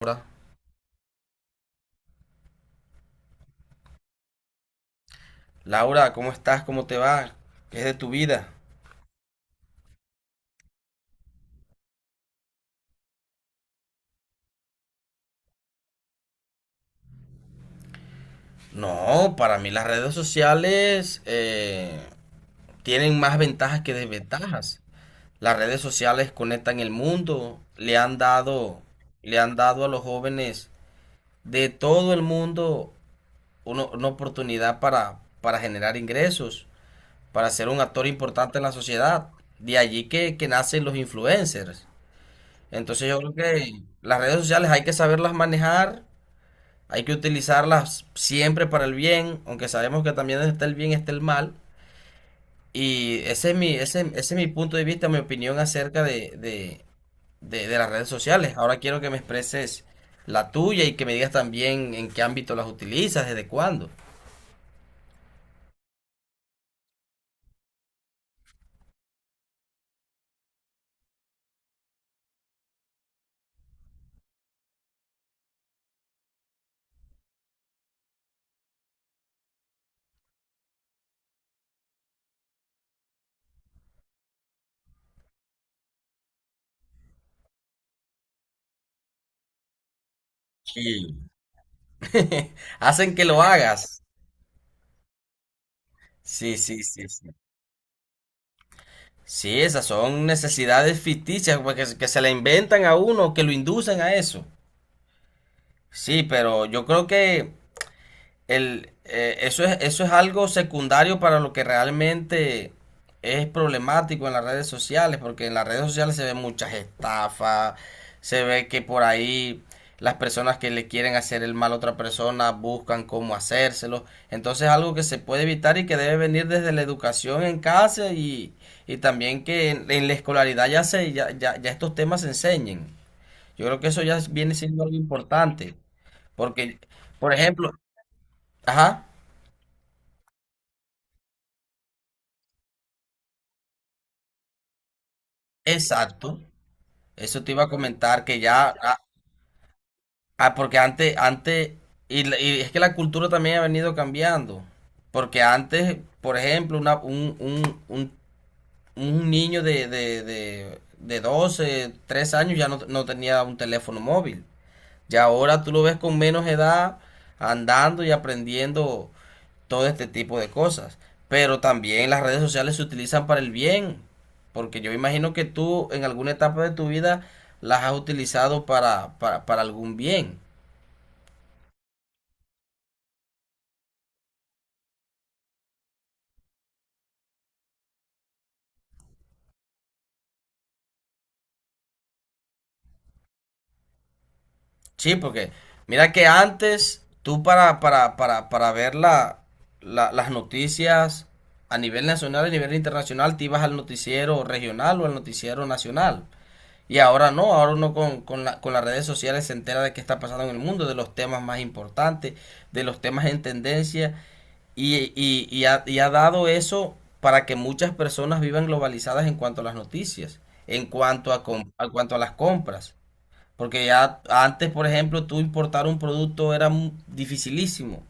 Laura. Laura, ¿cómo estás? ¿Cómo te va? ¿Qué es de tu vida? No, para mí las redes sociales tienen más ventajas que desventajas. Las redes sociales conectan el mundo, le han dado a los jóvenes de todo el mundo una oportunidad para generar ingresos, para ser un actor importante en la sociedad. De allí que nacen los influencers. Entonces yo creo que las redes sociales hay que saberlas manejar. Hay que utilizarlas siempre para el bien, aunque sabemos que también donde está el bien está el mal. Y ese es mi punto de vista, mi opinión acerca de las redes sociales. Ahora quiero que me expreses la tuya y que me digas también en qué ámbito las utilizas, desde cuándo. Sí. Hacen que lo hagas. Sí, sí, sí, sí. Sí, esas son necesidades ficticias pues, que se le inventan a uno, que lo inducen a eso. Sí, pero yo creo que eso es algo secundario para lo que realmente es problemático en las redes sociales, porque en las redes sociales se ven muchas estafas, se ve que por ahí las personas que le quieren hacer el mal a otra persona buscan cómo hacérselo. Entonces es algo que se puede evitar y que debe venir desde la educación en casa y también que en la escolaridad ya estos temas se enseñen. Yo creo que eso ya viene siendo algo importante, porque, por ejemplo, ajá. Exacto, eso te iba a comentar que ya, porque antes, y es que la cultura también ha venido cambiando, porque antes, por ejemplo, un niño de 12 3 años ya no tenía un teléfono móvil, ya ahora tú lo ves con menos edad andando y aprendiendo todo este tipo de cosas. Pero también las redes sociales se utilizan para el bien, porque yo imagino que tú en alguna etapa de tu vida las has utilizado para algún bien. Sí, porque mira que antes tú para ver las noticias a nivel nacional, a nivel internacional, te ibas al noticiero regional o al noticiero nacional. Y ahora no, ahora uno con las redes sociales se entera de qué está pasando en el mundo, de los temas más importantes, de los temas en tendencia, y ha dado eso para que muchas personas vivan globalizadas en cuanto a las noticias, en cuanto a las compras. Porque ya antes, por ejemplo, tú importar un producto era dificilísimo.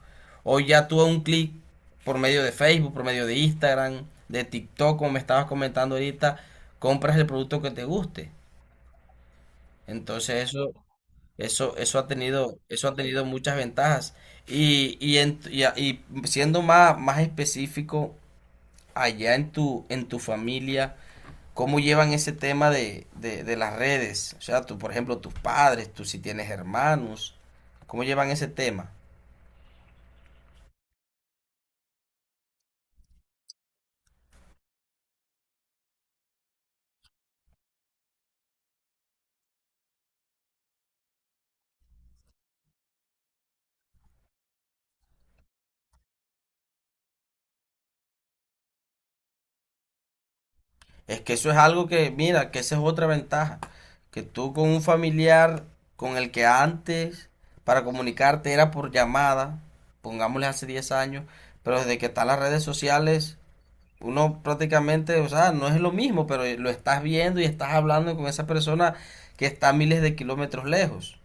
Hoy ya tú a un clic por medio de Facebook, por medio de Instagram, de TikTok, como me estabas comentando ahorita, compras el producto que te guste. Entonces eso ha tenido muchas ventajas. Y siendo más específico, allá en tu familia, ¿cómo llevan ese tema de las redes? O sea, tú, por ejemplo, tus padres, tú si tienes hermanos, ¿cómo llevan ese tema? Es que eso es algo que, mira, que esa es otra ventaja, que tú con un familiar con el que antes para comunicarte era por llamada, pongámosle hace 10 años, pero desde que están las redes sociales, uno prácticamente, o sea, no es lo mismo, pero lo estás viendo y estás hablando con esa persona que está a miles de kilómetros lejos.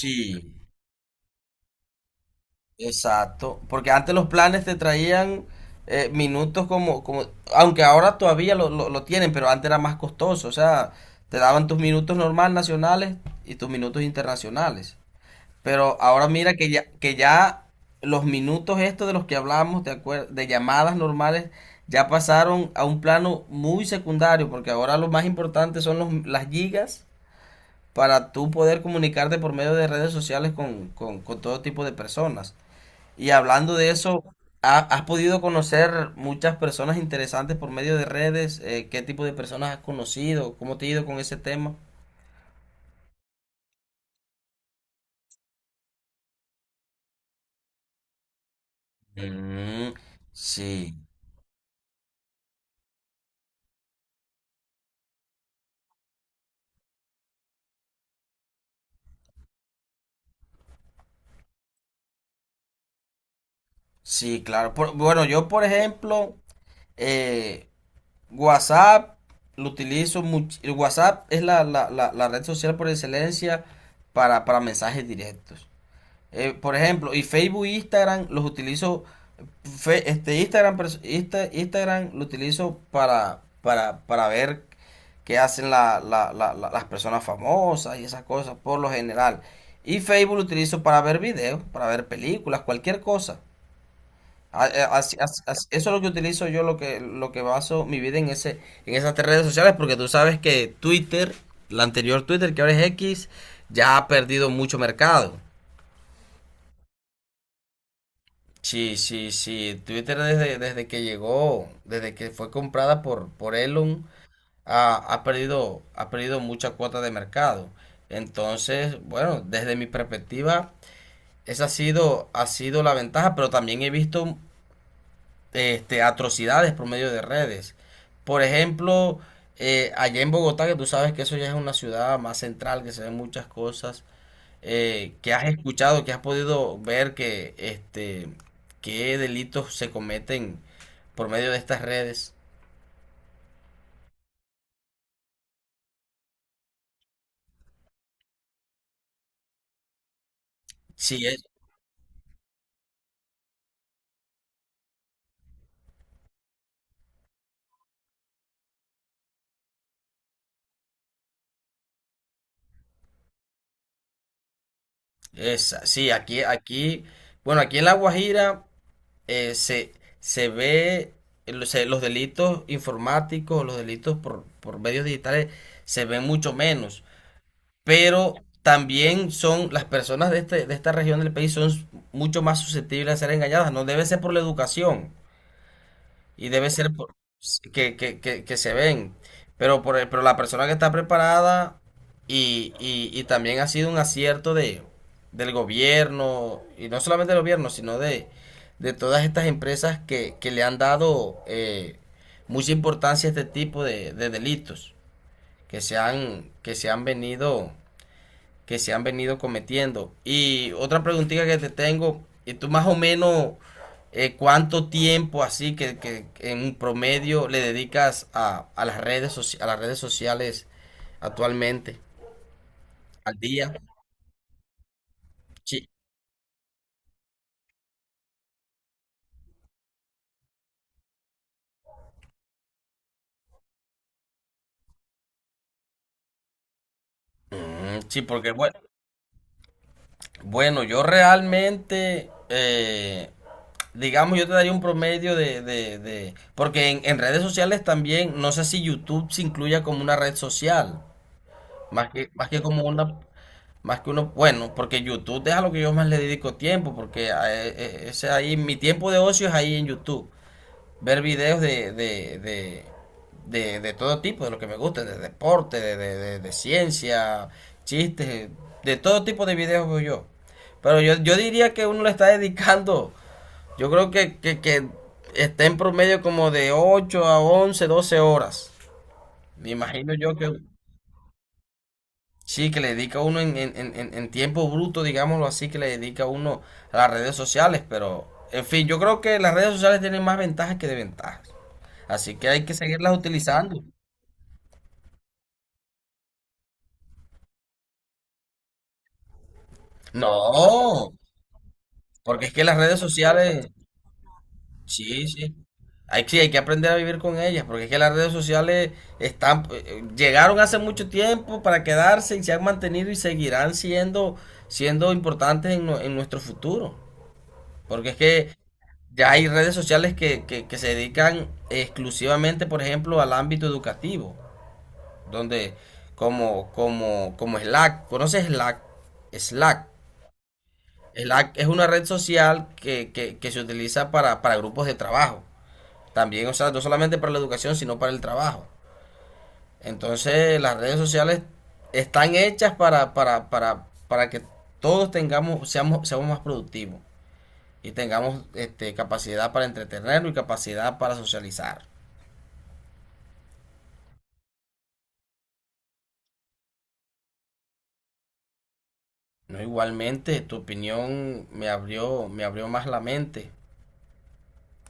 Sí. Exacto, porque antes los planes te traían minutos aunque ahora todavía lo tienen, pero antes era más costoso, o sea, te daban tus minutos normal nacionales y tus minutos internacionales. Pero ahora mira que ya los minutos estos de los que hablamos, de llamadas normales, ya pasaron a un plano muy secundario, porque ahora lo más importante son las gigas para tú poder comunicarte por medio de redes sociales con todo tipo de personas. Y hablando de eso, ¿has podido conocer muchas personas interesantes por medio de redes? ¿Qué tipo de personas has conocido? ¿Cómo te ha ido con ese tema? Mm, sí, sí, claro. Bueno, yo por ejemplo, eh, WhatsApp lo utilizo mucho. WhatsApp es la red social por excelencia para mensajes directos. Por ejemplo, y Facebook e Instagram los utilizo. Instagram lo utilizo para ver qué hacen las personas famosas y esas cosas por lo general. Y Facebook lo utilizo para ver videos, para ver películas, cualquier cosa. Eso es lo que utilizo yo, lo que baso mi vida en ese, en esas tres redes sociales, porque tú sabes que Twitter, la anterior Twitter que ahora es X, ya ha perdido mucho mercado. Sí, sí, sí. Twitter desde que llegó, desde que fue comprada por Elon, ha perdido mucha cuota de mercado. Entonces, bueno, desde mi perspectiva, esa ha sido la ventaja, pero también he visto atrocidades por medio de redes. Por ejemplo, allá en Bogotá, que tú sabes que eso ya es una ciudad más central, que se ven muchas cosas, que has escuchado, que has podido ver que qué delitos se cometen por medio de estas redes. Sí, sí, aquí, bueno, aquí en La Guajira eh, se, se ve los delitos informáticos, los delitos por medios digitales se ven mucho menos, pero también son las personas de esta región del país son mucho más susceptibles a ser engañadas, no debe ser por la educación. Y debe ser pues, que se ven. Pero la persona que está preparada y también ha sido un acierto de, del gobierno, y no solamente del gobierno, sino de todas estas empresas que le han dado mucha importancia a este tipo de delitos que se han venido que se han venido cometiendo. Y otra preguntita que te tengo, ¿y tú más o menos cuánto tiempo así que en promedio le dedicas a las redes soci- a las redes sociales actualmente? ¿Al día? Sí, Mm, sí, porque bueno, bueno, yo realmente, digamos, yo te daría un promedio de- porque en redes sociales también, no sé si YouTube se incluya como una red social, más que como una... Más que uno, bueno, porque YouTube es a lo que yo más le dedico tiempo, porque ese ahí, mi tiempo de ocio es ahí en YouTube. Ver videos de todo tipo, de lo que me gusta, de deporte, de ciencia, chistes, de todo tipo de videos veo yo. Pero yo diría que uno le está dedicando, yo creo que está en promedio como de 8 a 11 12 horas. Me imagino yo que... Sí, que le dedica uno en tiempo bruto, digámoslo así, que le dedica uno a las redes sociales, pero en fin, yo creo que las redes sociales tienen más ventajas que desventajas, así que hay que seguirlas utilizando. No, porque es que las redes sociales, sí, sí, sí, hay que aprender a vivir con ellas, porque es que las redes sociales están, llegaron hace mucho tiempo para quedarse y se han mantenido y seguirán siendo importantes en nuestro futuro. Porque es que ya hay redes sociales que se dedican exclusivamente, por ejemplo, al ámbito educativo, donde como Slack, ¿conoces Slack? Slack. Slack es una red social que se utiliza para grupos de trabajo. También, o sea, no solamente para la educación, sino para el trabajo. Entonces, las redes sociales están hechas para que todos seamos más productivos y tengamos capacidad para entretenernos y capacidad para socializar. No, igualmente, tu opinión me abrió más la mente.